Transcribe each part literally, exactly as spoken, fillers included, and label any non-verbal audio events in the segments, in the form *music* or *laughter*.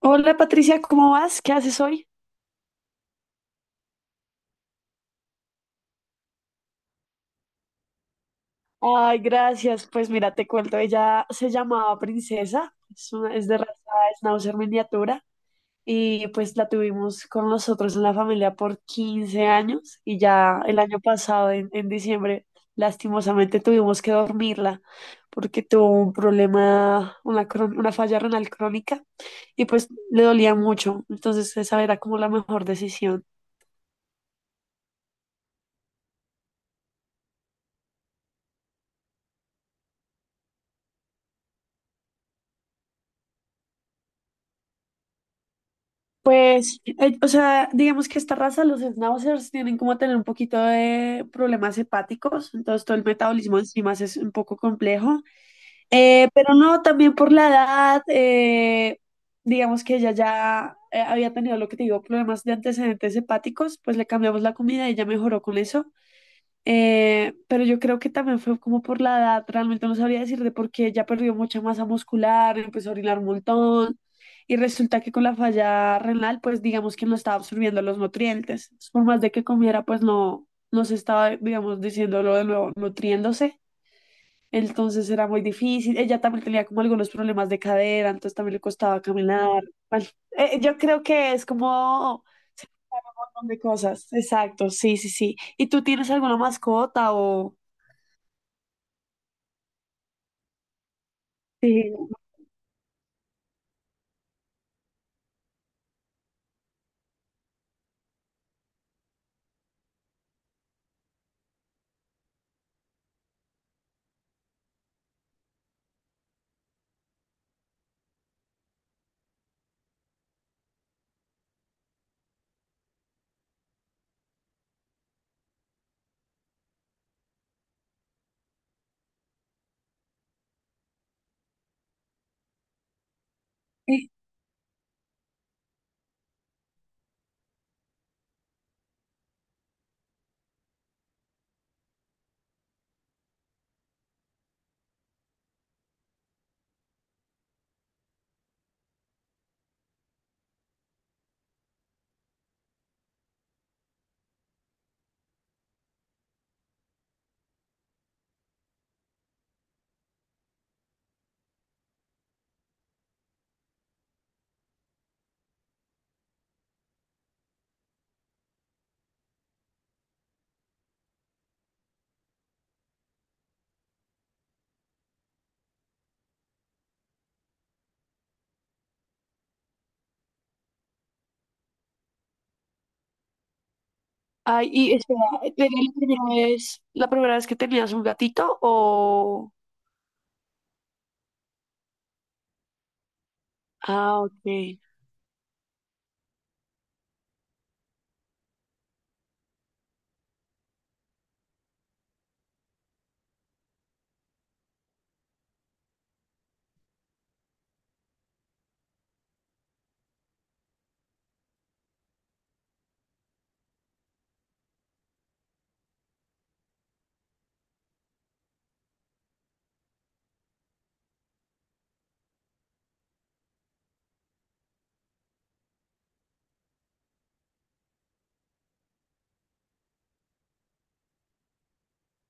Hola Patricia, ¿cómo vas? ¿Qué haces hoy? Ay, gracias. Pues mira, te cuento, ella se llamaba Princesa, es, una- es de raza Schnauzer miniatura y pues la tuvimos con nosotros en la familia por quince años y ya el año pasado, en, en diciembre, lastimosamente tuvimos que dormirla porque tuvo un problema, una, cron- una falla renal crónica y pues le dolía mucho. Entonces esa era como la mejor decisión. Pues, eh, o sea, digamos que esta raza, los schnauzers, tienen como tener un poquito de problemas hepáticos, entonces todo el metabolismo de enzimas es un poco complejo. Eh, pero no, también por la edad, eh, digamos que ella ya eh, había tenido lo que te digo, problemas de antecedentes hepáticos, pues le cambiamos la comida y ella mejoró con eso. Eh, pero yo creo que también fue como por la edad, realmente no sabría decir de por qué ya perdió mucha masa muscular, empezó a orinar un montón y resulta que con la falla renal, pues digamos que no estaba absorbiendo los nutrientes. Entonces, por más de que comiera, pues no, no se estaba, digamos, diciéndolo de nuevo, nutriéndose. Entonces era muy difícil. Ella también tenía como algunos problemas de cadera, entonces también le costaba caminar. Bueno, eh, yo creo que es como se juntaron un montón de cosas. Exacto, sí, sí, sí. ¿Y tú tienes alguna mascota o...? Sí. Y- Ay, y espera, ¿era la primera vez, la primera vez que tenías un gatito o...? Ah, ok.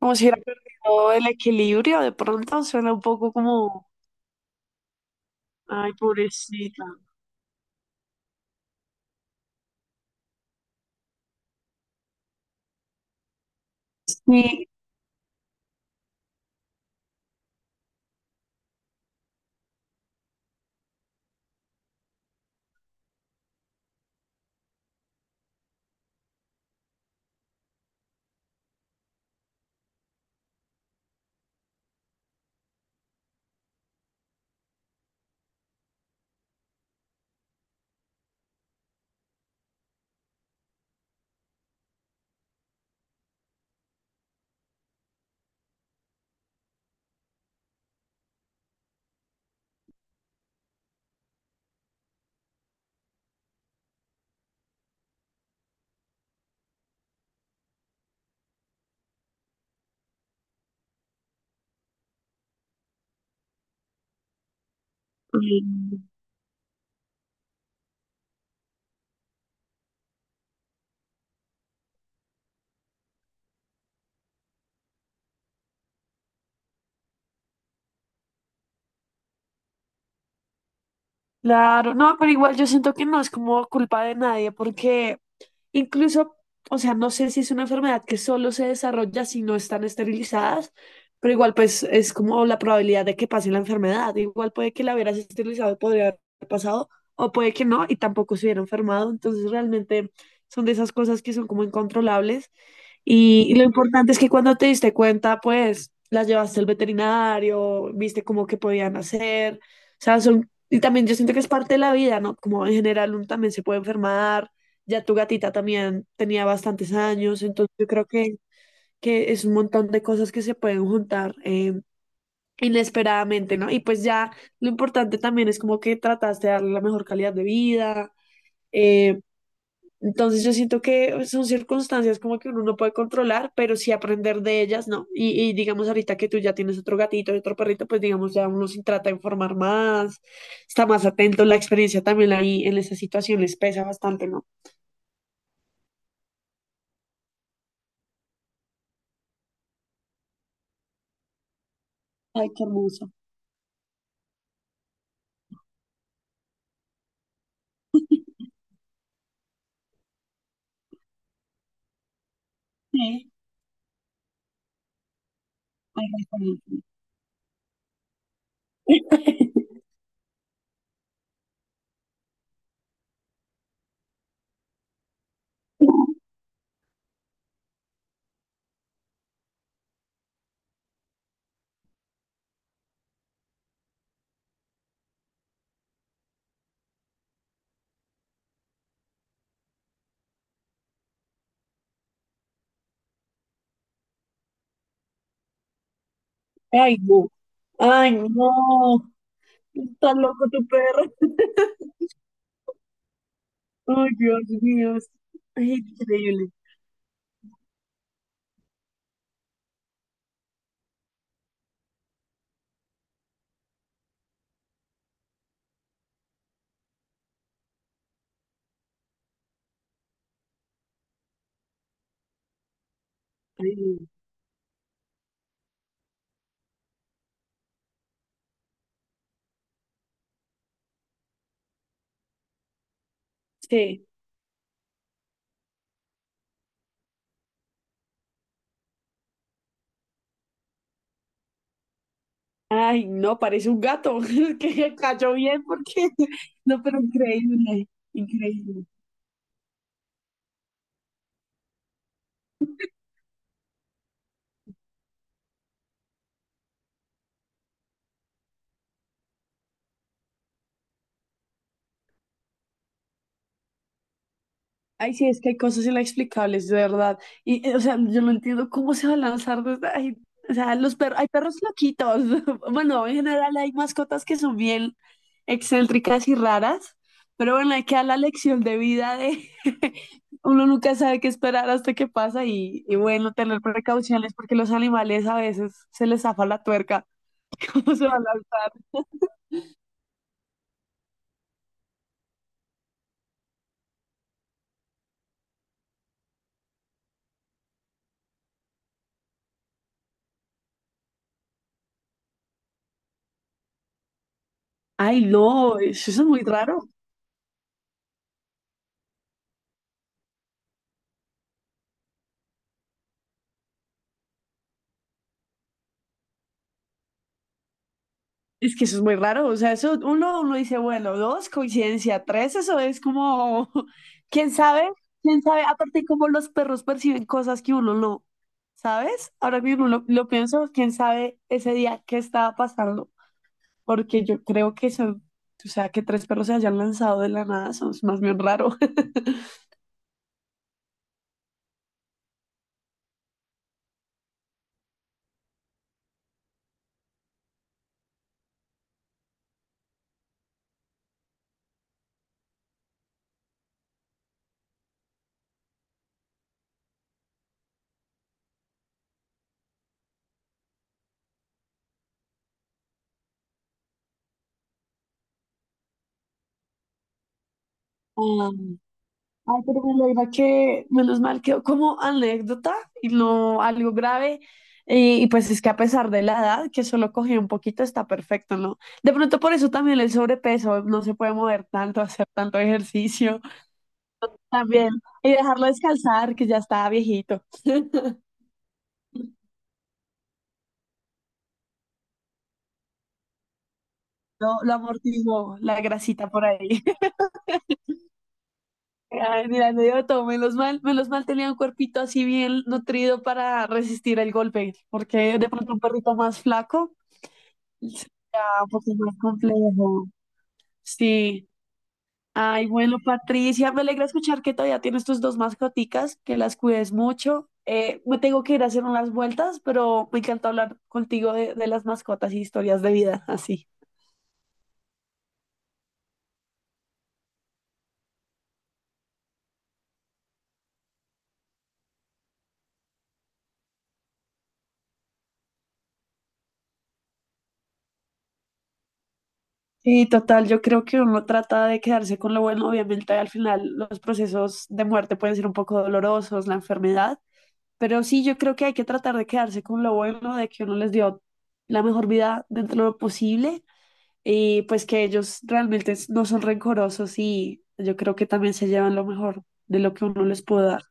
Como si hubiera perdido el equilibrio, de pronto suena un poco como... Ay, pobrecita. Sí. Mm. Claro, no, pero igual yo siento que no es como culpa de nadie, porque incluso, o sea, no sé si es una enfermedad que solo se desarrolla si no están esterilizadas, pero igual pues es como la probabilidad de que pase la enfermedad. Igual puede que la hubieras esterilizado y podría haber pasado, o puede que no y tampoco se hubiera enfermado. Entonces realmente son de esas cosas que son como incontrolables. Y lo importante es que cuando te diste cuenta, pues las llevaste al veterinario, viste cómo que podían hacer. O sea, son, y también yo siento que es parte de la vida, ¿no? Como en general uno también se puede enfermar. Ya tu gatita también tenía bastantes años, entonces yo creo que, que es un montón de cosas que se pueden juntar eh, inesperadamente, ¿no? Y pues ya lo importante también es como que trataste de darle la mejor calidad de vida. Eh, entonces yo siento que son circunstancias como que uno no puede controlar, pero sí aprender de ellas, ¿no? Y, y digamos ahorita que tú ya tienes otro gatito y otro perrito, pues digamos ya uno se trata de informar más, está más atento, la experiencia también ahí en esas situaciones pesa bastante, ¿no? Ay, qué hermoso. Sí, ay, ay, ay. Ay, no. Ay, no. Está loco tu perro. *laughs* Ay, Dios mío. Ay, increíble. Ay, no. Sí. Ay, no, parece un gato. *laughs* Es que cayó bien porque, *laughs* no, pero increíble, increíble. Ay, sí, es que hay cosas inexplicables, de verdad. Y, eh, o sea, yo no entiendo cómo se va a lanzar desde ahí. O sea, los perros, hay perros loquitos. *laughs* Bueno, en general hay mascotas que son bien excéntricas y raras, pero bueno, hay que dar la lección de vida de *laughs* uno nunca sabe qué esperar hasta que pasa y, y bueno, tener precauciones porque los animales a veces se les zafa la tuerca. *laughs* ¿Cómo se va a lanzar? Ay, no, eso es muy raro. Es que eso es muy raro. O sea, eso uno, uno dice, bueno, dos, coincidencia, tres, eso es como, *laughs* quién sabe, quién sabe, aparte cómo los perros perciben cosas que uno no, ¿sabes? Ahora mismo lo, lo pienso, quién sabe ese día qué estaba pasando, porque yo creo que son, o sea, que tres perros se hayan lanzado de la nada, son es más bien raro. *laughs* Ay, pero me alegra que menos mal quedó como anécdota y no algo grave. Y, y pues es que a pesar de la edad, que solo cogió un poquito, está perfecto, ¿no? De pronto por eso también el sobrepeso, no se puede mover tanto, hacer tanto ejercicio también. Y dejarlo descansar, que ya está viejito. *laughs* Lo, lo amortiguó la grasita por ahí. *laughs* Ay, mira, me dio todo. Menos mal, menos mal tenía un cuerpito así bien nutrido para resistir el golpe, porque de pronto un perrito más flaco. Ya, un poco más complejo. Sí. Ay, bueno, Patricia, me alegra escuchar que todavía tienes tus dos mascoticas, que las cuides mucho. Eh, me tengo que ir a hacer unas vueltas, pero me encanta hablar contigo de, de las mascotas y historias de vida, *laughs* así. Sí, total, yo creo que uno trata de quedarse con lo bueno, obviamente al final los procesos de muerte pueden ser un poco dolorosos, la enfermedad, pero sí, yo creo que hay que tratar de quedarse con lo bueno, de que uno les dio la mejor vida dentro de lo posible. Y pues que ellos realmente no son rencorosos y yo creo que también se llevan lo mejor de lo que uno les puede dar.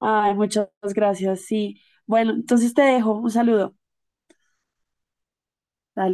Ay, muchas gracias. Sí. Bueno, entonces te dejo. Un saludo. Dale.